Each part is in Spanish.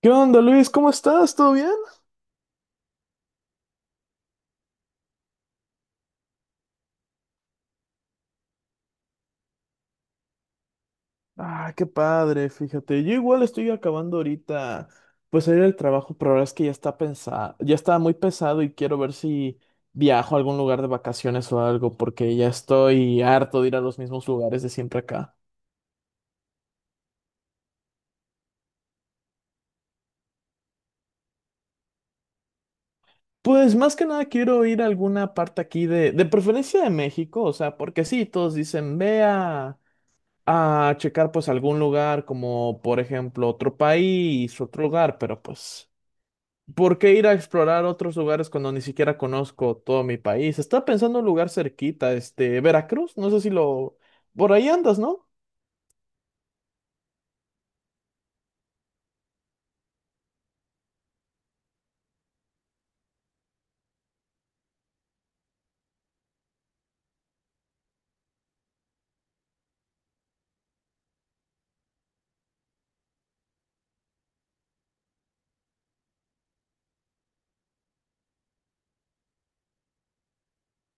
¿Qué onda, Luis? ¿Cómo estás? ¿Todo bien? Ah, qué padre, fíjate. Yo igual estoy acabando ahorita, pues salir del trabajo, pero la verdad es que ya está pensado, ya está muy pesado y quiero ver si viajo a algún lugar de vacaciones o algo, porque ya estoy harto de ir a los mismos lugares de siempre acá. Pues más que nada quiero ir a alguna parte aquí de preferencia de México, o sea, porque sí, todos dicen, ve a checar pues algún lugar como, por ejemplo, otro país, otro lugar, pero pues... ¿Por qué ir a explorar otros lugares cuando ni siquiera conozco todo mi país? Estaba pensando en un lugar cerquita, Veracruz, no sé si lo... Por ahí andas, ¿no?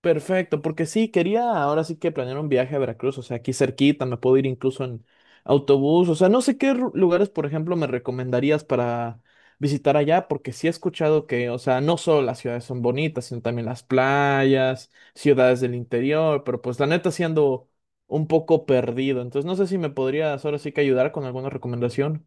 Perfecto, porque sí, quería ahora sí que planear un viaje a Veracruz, o sea, aquí cerquita, me puedo ir incluso en autobús, o sea, no sé qué lugares, por ejemplo, me recomendarías para visitar allá, porque sí he escuchado que, o sea, no solo las ciudades son bonitas, sino también las playas, ciudades del interior, pero pues la neta siendo un poco perdido, entonces no sé si me podrías ahora sí que ayudar con alguna recomendación.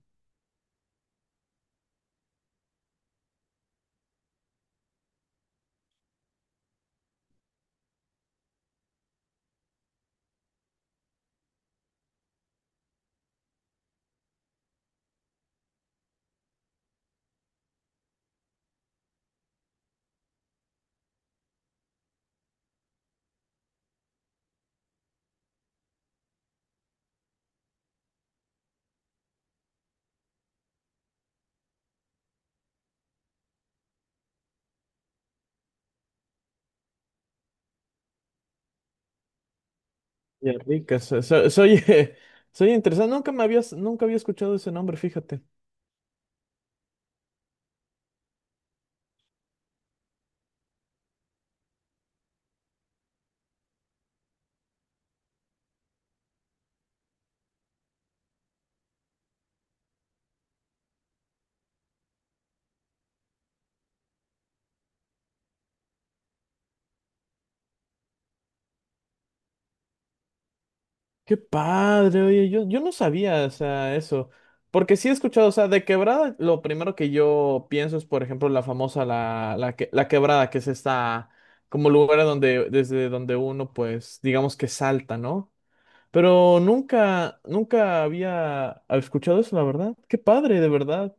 Ya ricas, soy, soy interesante, nunca había escuchado ese nombre, fíjate. Qué padre, oye, yo no sabía, o sea, eso. Porque sí he escuchado, o sea, de quebrada, lo primero que yo pienso es, por ejemplo, la famosa, la quebrada, que es esta, como lugar a donde, desde donde uno, pues, digamos que salta, ¿no? Pero nunca había escuchado eso, la verdad. Qué padre, de verdad.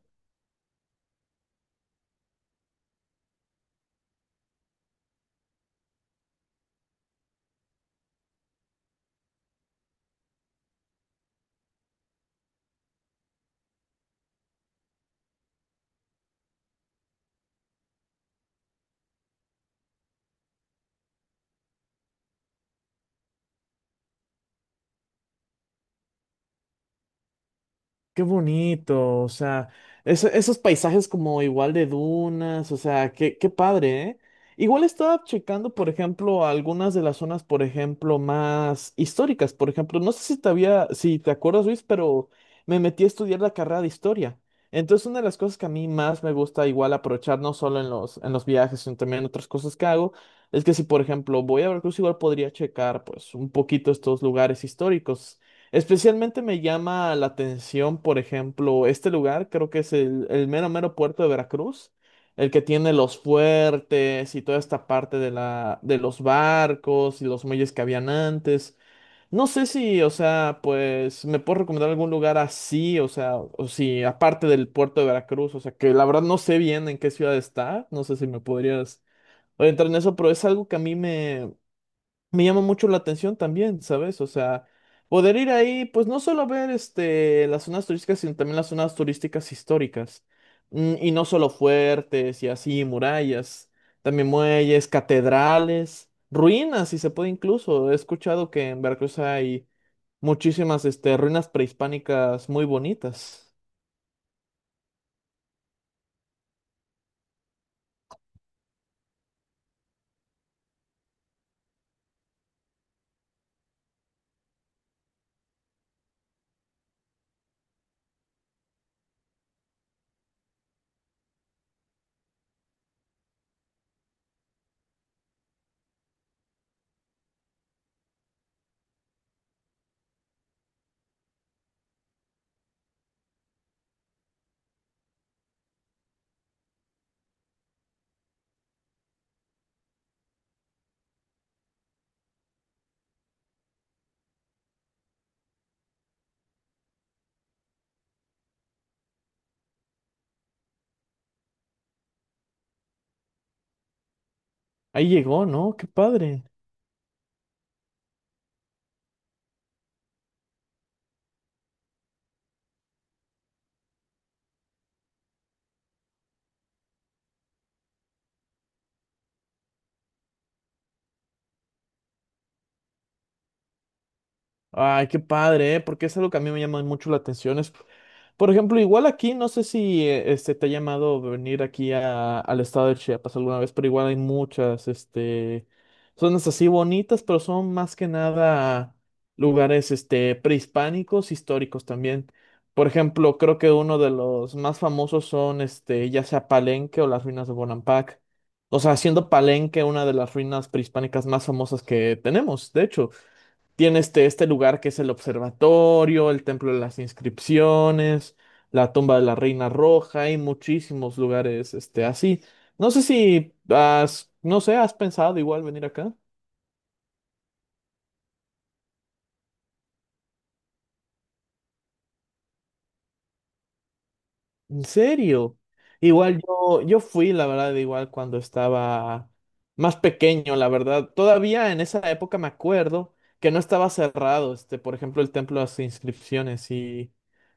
Qué bonito, o sea, eso- esos paisajes como igual de dunas, o sea, qué padre, ¿eh? Igual estaba checando, por ejemplo, algunas de las zonas, por ejemplo, más históricas, por ejemplo, no sé si te había, si te acuerdas, Luis, pero me metí a estudiar la carrera de historia. Entonces, una de las cosas que a mí más me gusta igual aprovechar, no solo en en los viajes, sino también en otras cosas que hago, es que si, por ejemplo, voy a Veracruz, igual podría checar, pues, un poquito estos lugares históricos. Especialmente me llama la atención, por ejemplo, este lugar, creo que es el mero mero puerto de Veracruz, el que tiene los fuertes y toda esta parte de de los barcos y los muelles que habían antes. No sé si, o sea, pues me puedo recomendar algún lugar así, o sea, o si aparte del puerto de Veracruz, o sea, que la verdad no sé bien en qué ciudad está, no sé si me podrías orientar en eso, pero es algo que a mí me llama mucho la atención también, ¿sabes? O sea, poder ir ahí, pues no solo ver las zonas turísticas, sino también las zonas turísticas históricas. Mm, y no solo fuertes y así, murallas, también muelles, catedrales, ruinas, si se puede incluso. He escuchado que en Veracruz hay muchísimas ruinas prehispánicas muy bonitas. Ahí llegó, ¿no? Qué padre. Ay, qué padre, ¿eh? Porque es algo que a mí me llama mucho la atención. Es, por ejemplo, igual aquí, no sé si te ha llamado venir aquí a- al estado de Chiapas alguna vez, pero igual hay muchas, zonas así bonitas, pero son más que nada lugares, prehispánicos, históricos también. Por ejemplo, creo que uno de los más famosos son, ya sea Palenque o las ruinas de Bonampak. O sea, siendo Palenque una de las ruinas prehispánicas más famosas que tenemos, de hecho. Tiene este lugar que es el observatorio, el templo de las inscripciones, la tumba de la Reina Roja, hay muchísimos lugares así. No sé si has, no sé, ¿has pensado igual venir acá? ¿En serio? Igual yo fui, la verdad, igual cuando estaba más pequeño, la verdad. Todavía en esa época me acuerdo que no estaba cerrado, por ejemplo, el templo de las inscripciones y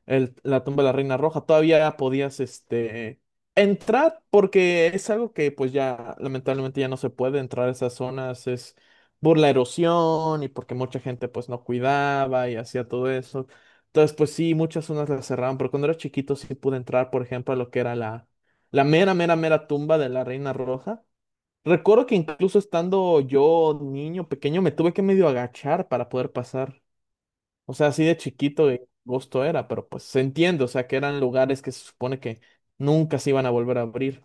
la tumba de la Reina Roja. Todavía podías, entrar porque es algo que, pues ya, lamentablemente ya no se puede entrar a esas zonas, es por la erosión y porque mucha gente, pues, no cuidaba y hacía todo eso. Entonces, pues sí, muchas zonas las cerraron, pero cuando era chiquito sí pude entrar, por ejemplo, a lo que era la mera, mera, mera tumba de la Reina Roja. Recuerdo que incluso estando yo niño pequeño me tuve que medio agachar para poder pasar. O sea, así de chiquito de gusto era, pero pues se entiende, o sea, que eran lugares que se supone que nunca se iban a volver a abrir.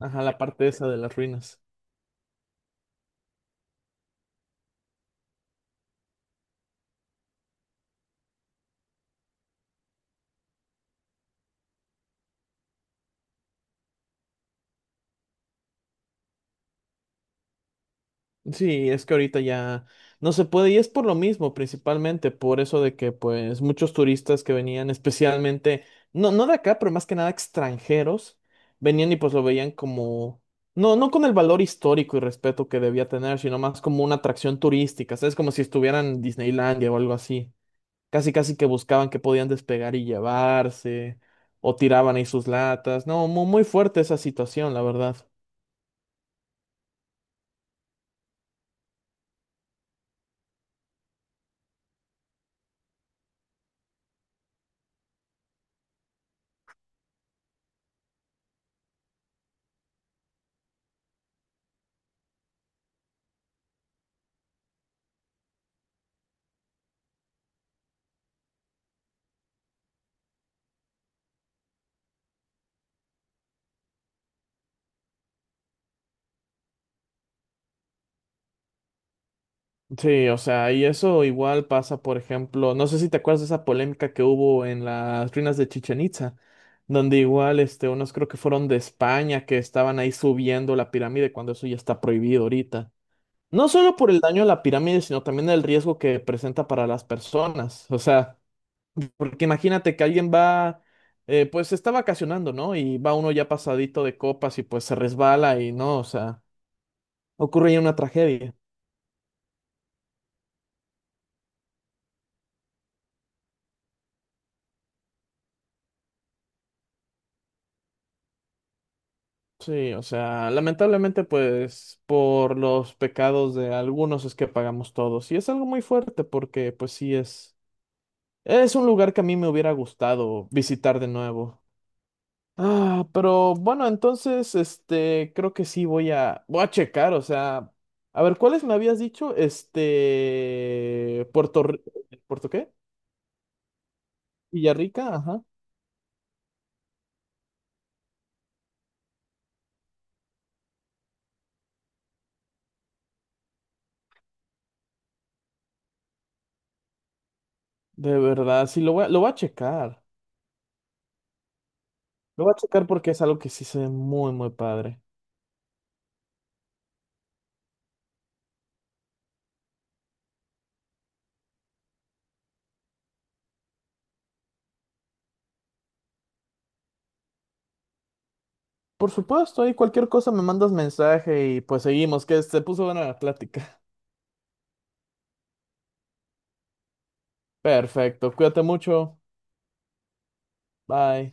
Ajá, la parte esa de las ruinas. Sí, es que ahorita ya no se puede y es por lo mismo, principalmente por eso de que pues muchos turistas que venían especialmente, no de acá, pero más que nada extranjeros, venían y pues lo veían como, no con el valor histórico y respeto que debía tener, sino más como una atracción turística, ¿sabes? Como si estuvieran en Disneylandia o algo así. Casi, casi que buscaban que podían despegar y llevarse, o tiraban ahí sus latas. No, muy, muy fuerte esa situación, la verdad. Sí, o sea, y eso igual pasa, por ejemplo, no sé si te acuerdas de esa polémica que hubo en las ruinas de Chichen Itza, donde igual, unos creo que fueron de España que estaban ahí subiendo la pirámide cuando eso ya está prohibido ahorita. No solo por el daño a la pirámide, sino también el riesgo que presenta para las personas. O sea, porque imagínate que alguien va, pues está vacacionando, ¿no? Y va uno ya pasadito de copas y pues se resbala y no, o sea, ocurre ya una tragedia. Sí, o sea, lamentablemente pues por los pecados de algunos es que pagamos todos y es algo muy fuerte porque pues sí es un lugar que a mí me hubiera gustado visitar de nuevo. Ah, pero bueno, entonces creo que sí voy a checar, o sea, a ver cuáles me habías dicho, este Puerto R- ¿Puerto qué? Villarrica, ajá. De verdad, sí lo voy a checar. Lo voy a checar porque es algo que sí se ve muy padre. Por supuesto, ahí cualquier cosa me mandas mensaje y pues seguimos, que se puso buena la plática. Perfecto, cuídate mucho. Bye.